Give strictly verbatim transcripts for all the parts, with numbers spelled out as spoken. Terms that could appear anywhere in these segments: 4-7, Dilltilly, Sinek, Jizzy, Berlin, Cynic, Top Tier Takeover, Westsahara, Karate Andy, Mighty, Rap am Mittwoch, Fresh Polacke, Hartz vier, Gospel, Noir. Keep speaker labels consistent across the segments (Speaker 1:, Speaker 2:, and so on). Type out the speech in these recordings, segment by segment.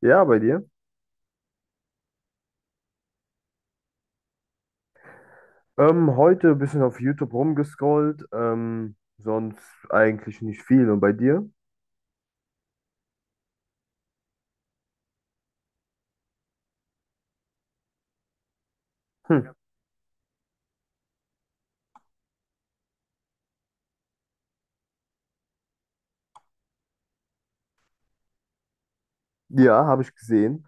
Speaker 1: Ja, bei dir. Ähm, heute ein bisschen auf YouTube rumgescrollt, ähm, sonst eigentlich nicht viel. Und bei dir? Hm. Ja, habe ich gesehen.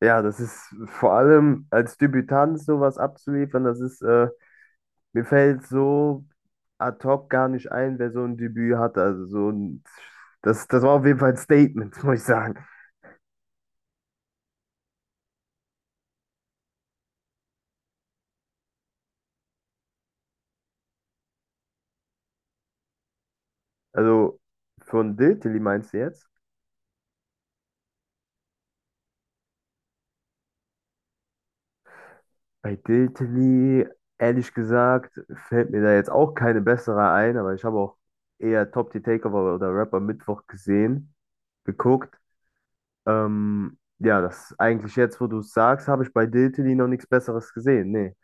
Speaker 1: Ja, das ist vor allem als Debütant sowas abzuliefern, das ist, äh, mir fällt so ad hoc gar nicht ein, wer so ein Debüt hatte. Also so ein, das, das war auf jeden Fall ein Statement, muss ich sagen. Also von Dilltilly meinst du jetzt? Bei Diltily, ehrlich gesagt, fällt mir da jetzt auch keine bessere ein, aber ich habe auch eher Top Tier Takeover oder Rap am Mittwoch gesehen, geguckt. Ähm, ja, das eigentlich jetzt, wo du es sagst, habe ich bei Diltily noch nichts Besseres gesehen. Nee.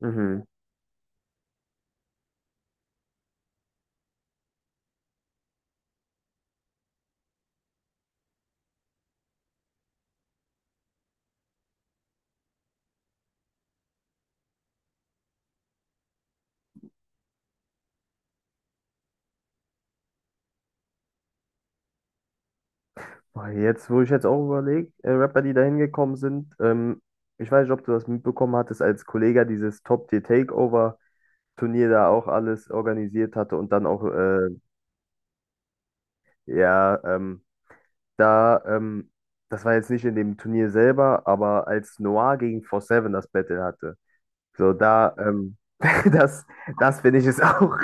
Speaker 1: Mhm. Boah, jetzt, wo ich jetzt auch überlege, äh, Rapper, die da hingekommen sind, ähm, ich weiß nicht, ob du das mitbekommen hattest, als Kollega dieses Top Tier Takeover Turnier da auch alles organisiert hatte und dann auch, äh, ja, ähm, Da, ähm, das war jetzt nicht in dem Turnier selber, aber als Noir gegen vier sieben das Battle hatte. So, da, ähm, das, das finde ich es auch.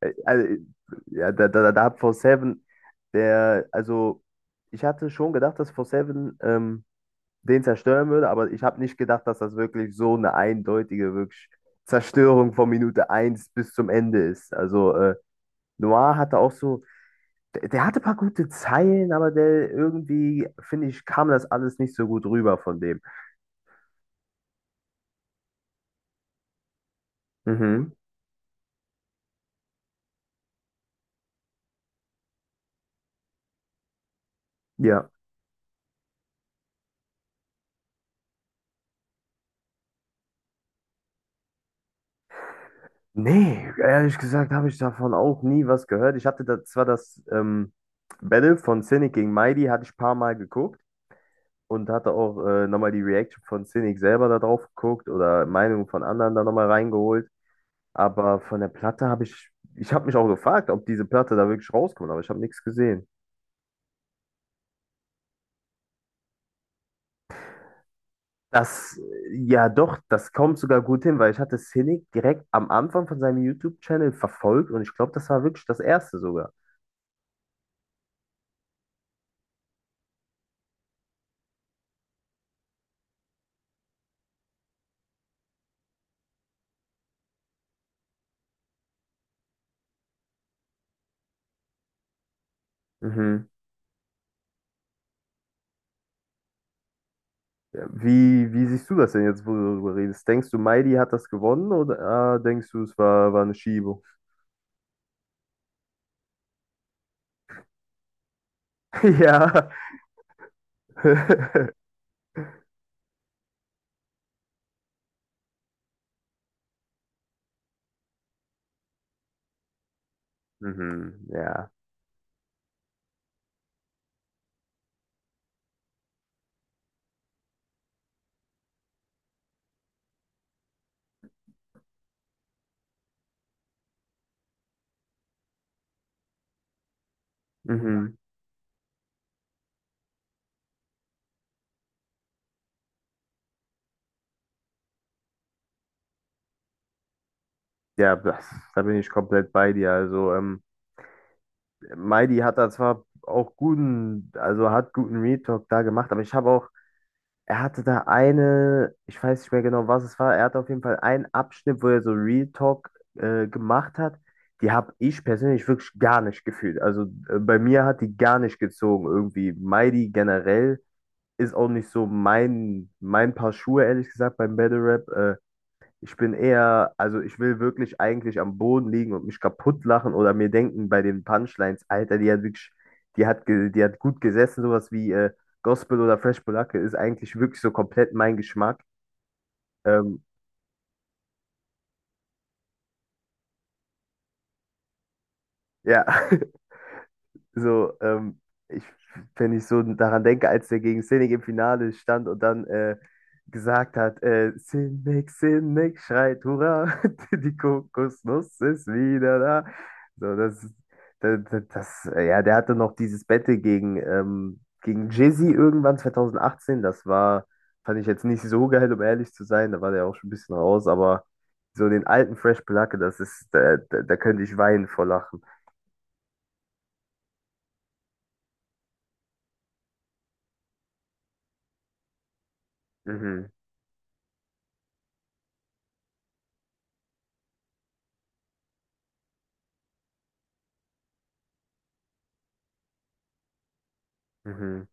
Speaker 1: äh, Also, ja, da, da, da hat vier sieben, der, also, ich hatte schon gedacht, dass vier zu sieben ähm, den zerstören würde, aber ich habe nicht gedacht, dass das wirklich so eine eindeutige wirklich Zerstörung von Minute eins bis zum Ende ist. Also, äh, Noir hatte auch so. Der, der hatte ein paar gute Zeilen, aber der irgendwie, finde ich, kam das alles nicht so gut rüber von dem. Mhm, ja. Nee, ehrlich gesagt habe ich davon auch nie was gehört. Ich hatte da zwar das ähm, Battle von Cynic gegen Mighty, hatte ich ein paar Mal geguckt und hatte auch äh, nochmal die Reaction von Cynic selber da drauf geguckt oder Meinungen von anderen da nochmal reingeholt. Aber von der Platte habe ich, ich habe mich auch gefragt, ob diese Platte da wirklich rauskommt, aber ich habe nichts gesehen. Das, ja doch, das kommt sogar gut hin, weil ich hatte Cynic direkt am Anfang von seinem YouTube-Channel verfolgt und ich glaube, das war wirklich das erste sogar. Mhm. Ja, Wie, wie siehst du das denn jetzt, wo du darüber redest? Denkst du, Mighty hat das gewonnen oder äh, denkst du, es war, war eine Schiebung? Ja. Mhm, ja. Mhm. Ja, das, da bin ich komplett bei dir. Also, ähm, Mighty hat da zwar auch guten, also hat guten Retalk da gemacht, aber ich habe auch. Er hatte da eine, ich weiß nicht mehr genau, was es war. Er hatte auf jeden Fall einen Abschnitt, wo er so Real Talk äh, gemacht hat. Die habe ich persönlich wirklich gar nicht gefühlt. Also äh, bei mir hat die gar nicht gezogen irgendwie. Mighty generell ist auch nicht so mein, mein Paar Schuhe, ehrlich gesagt, beim Battle Rap. Äh, ich bin eher, also ich will wirklich eigentlich am Boden liegen und mich kaputt lachen oder mir denken bei den Punchlines, Alter, die hat wirklich, die hat, ge- die hat gut gesessen, sowas wie äh, Gospel oder Fresh Polacke ist eigentlich wirklich so komplett mein Geschmack. Ähm, ja, so, ähm, ich, wenn ich so daran denke, als der gegen Sinek im Finale stand und dann äh, gesagt hat, äh, Sinek, Sinek schreit, Hurra, die Kokosnuss ist wieder da. So, das, das, das, äh, ja, der hatte noch dieses Battle gegen, ähm, gegen Jizzy irgendwann zwanzig achtzehn. Das war, fand ich jetzt nicht so geil, um ehrlich zu sein. Da war der auch schon ein bisschen raus, aber so den alten Fresh Placke, das ist, da, da, da könnte ich weinen vor Lachen. Mhm, mhm,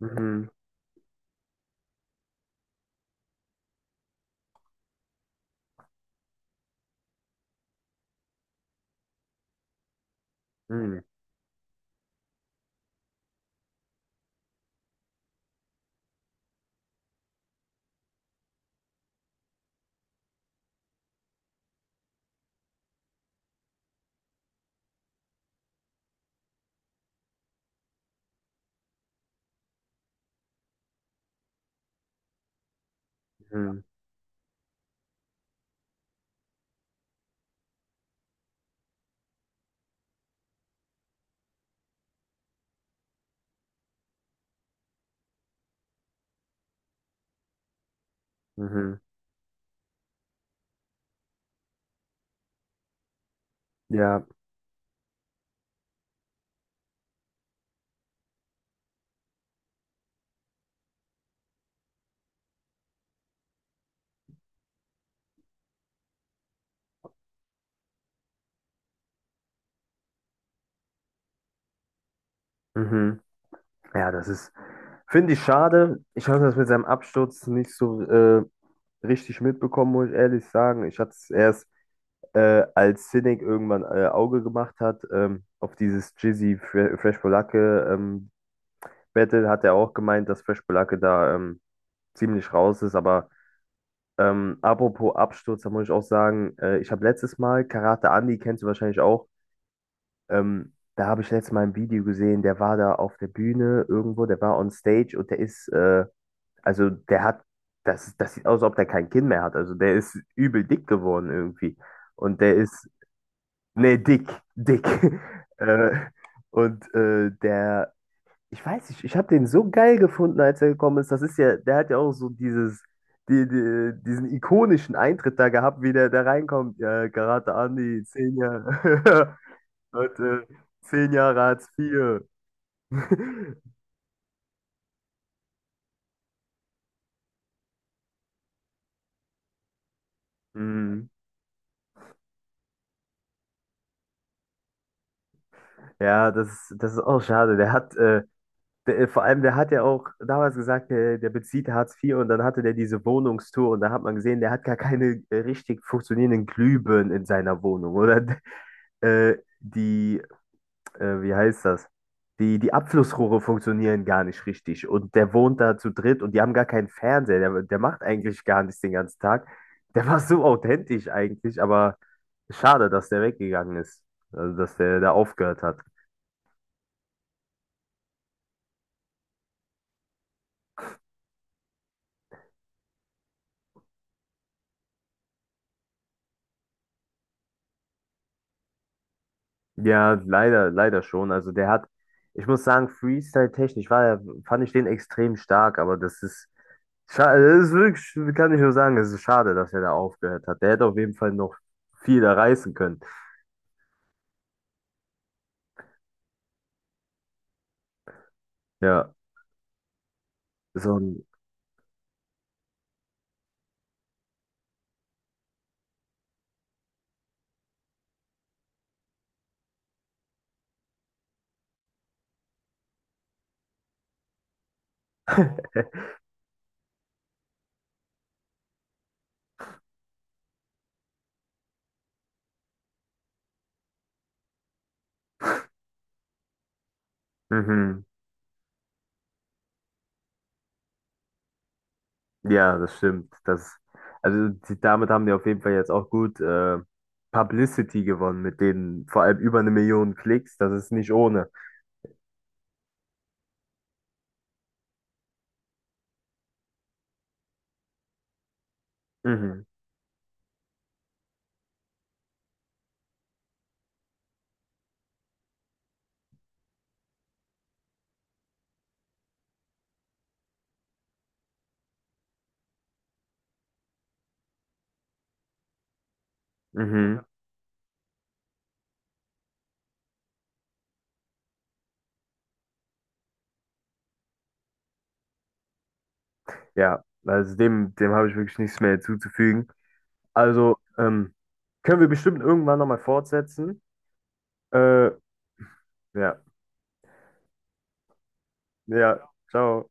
Speaker 1: mhm. Mhm, mhm, mhm. Ja, mhm. Ja, das ist, finde ich schade. Ich habe das mit seinem Absturz nicht so äh, richtig mitbekommen, muss ich ehrlich sagen. Ich hatte es erst, äh, als Cynic irgendwann äh, Auge gemacht hat, ähm, auf dieses Jizzy Fre- Fresh Polacke ähm, Battle, hat er auch gemeint, dass Fresh Polacke da ähm, ziemlich raus ist. Aber ähm, apropos Absturz, da muss ich auch sagen, äh, ich habe letztes Mal Karate Andy, kennst du wahrscheinlich auch. Ähm, da habe ich letztes Mal ein Video gesehen, der war da auf der Bühne irgendwo, der war on stage und der ist, äh, also der hat, das, das sieht aus, als ob der kein Kinn mehr hat. Also der ist übel dick geworden irgendwie. Und der ist, nee, dick, dick. äh, und äh, der, ich weiß nicht, ich habe den so geil gefunden, als er gekommen ist. Das ist ja, der hat ja auch so dieses, die, die, diesen ikonischen Eintritt da gehabt, wie der da reinkommt. Ja, Karate Andi, zehn Jahre. Leute, zehn Jahre Hartz vier. Mhm. Ja, das, ist- das ist auch schade. Der hat, äh, der, äh, vor allem, der hat ja auch damals gesagt, der, der bezieht Hartz vier und dann hatte der diese Wohnungstour und da hat man gesehen, der hat gar keine äh, richtig funktionierenden Glühbirnen in seiner Wohnung oder äh, die, äh, wie heißt das? Die, die Abflussrohre funktionieren gar nicht richtig und der wohnt da zu dritt und die haben gar keinen Fernseher. Der, der macht eigentlich gar nichts den ganzen Tag. Der war so authentisch eigentlich, aber schade, dass der weggegangen ist. Also, dass der da aufgehört hat. Ja, leider, leider schon. Also, der hat, ich muss sagen, Freestyle-technisch war er, fand ich den extrem stark, aber das ist, schade, das ist wirklich, kann ich nur sagen, es ist schade, dass er da aufgehört hat. Der hätte auf jeden Fall noch viel da reißen können. Ja, so ein, mhm. Ja, das stimmt. Das, also, die, damit haben die auf jeden Fall jetzt auch gut, äh, Publicity gewonnen mit denen, vor allem über eine Million Klicks. Das ist nicht ohne. Mhm. Mhm. Ja, also dem, dem habe ich wirklich nichts mehr hinzuzufügen. Also, ähm, können wir bestimmt irgendwann nochmal fortsetzen. Äh, ja, ja, ciao.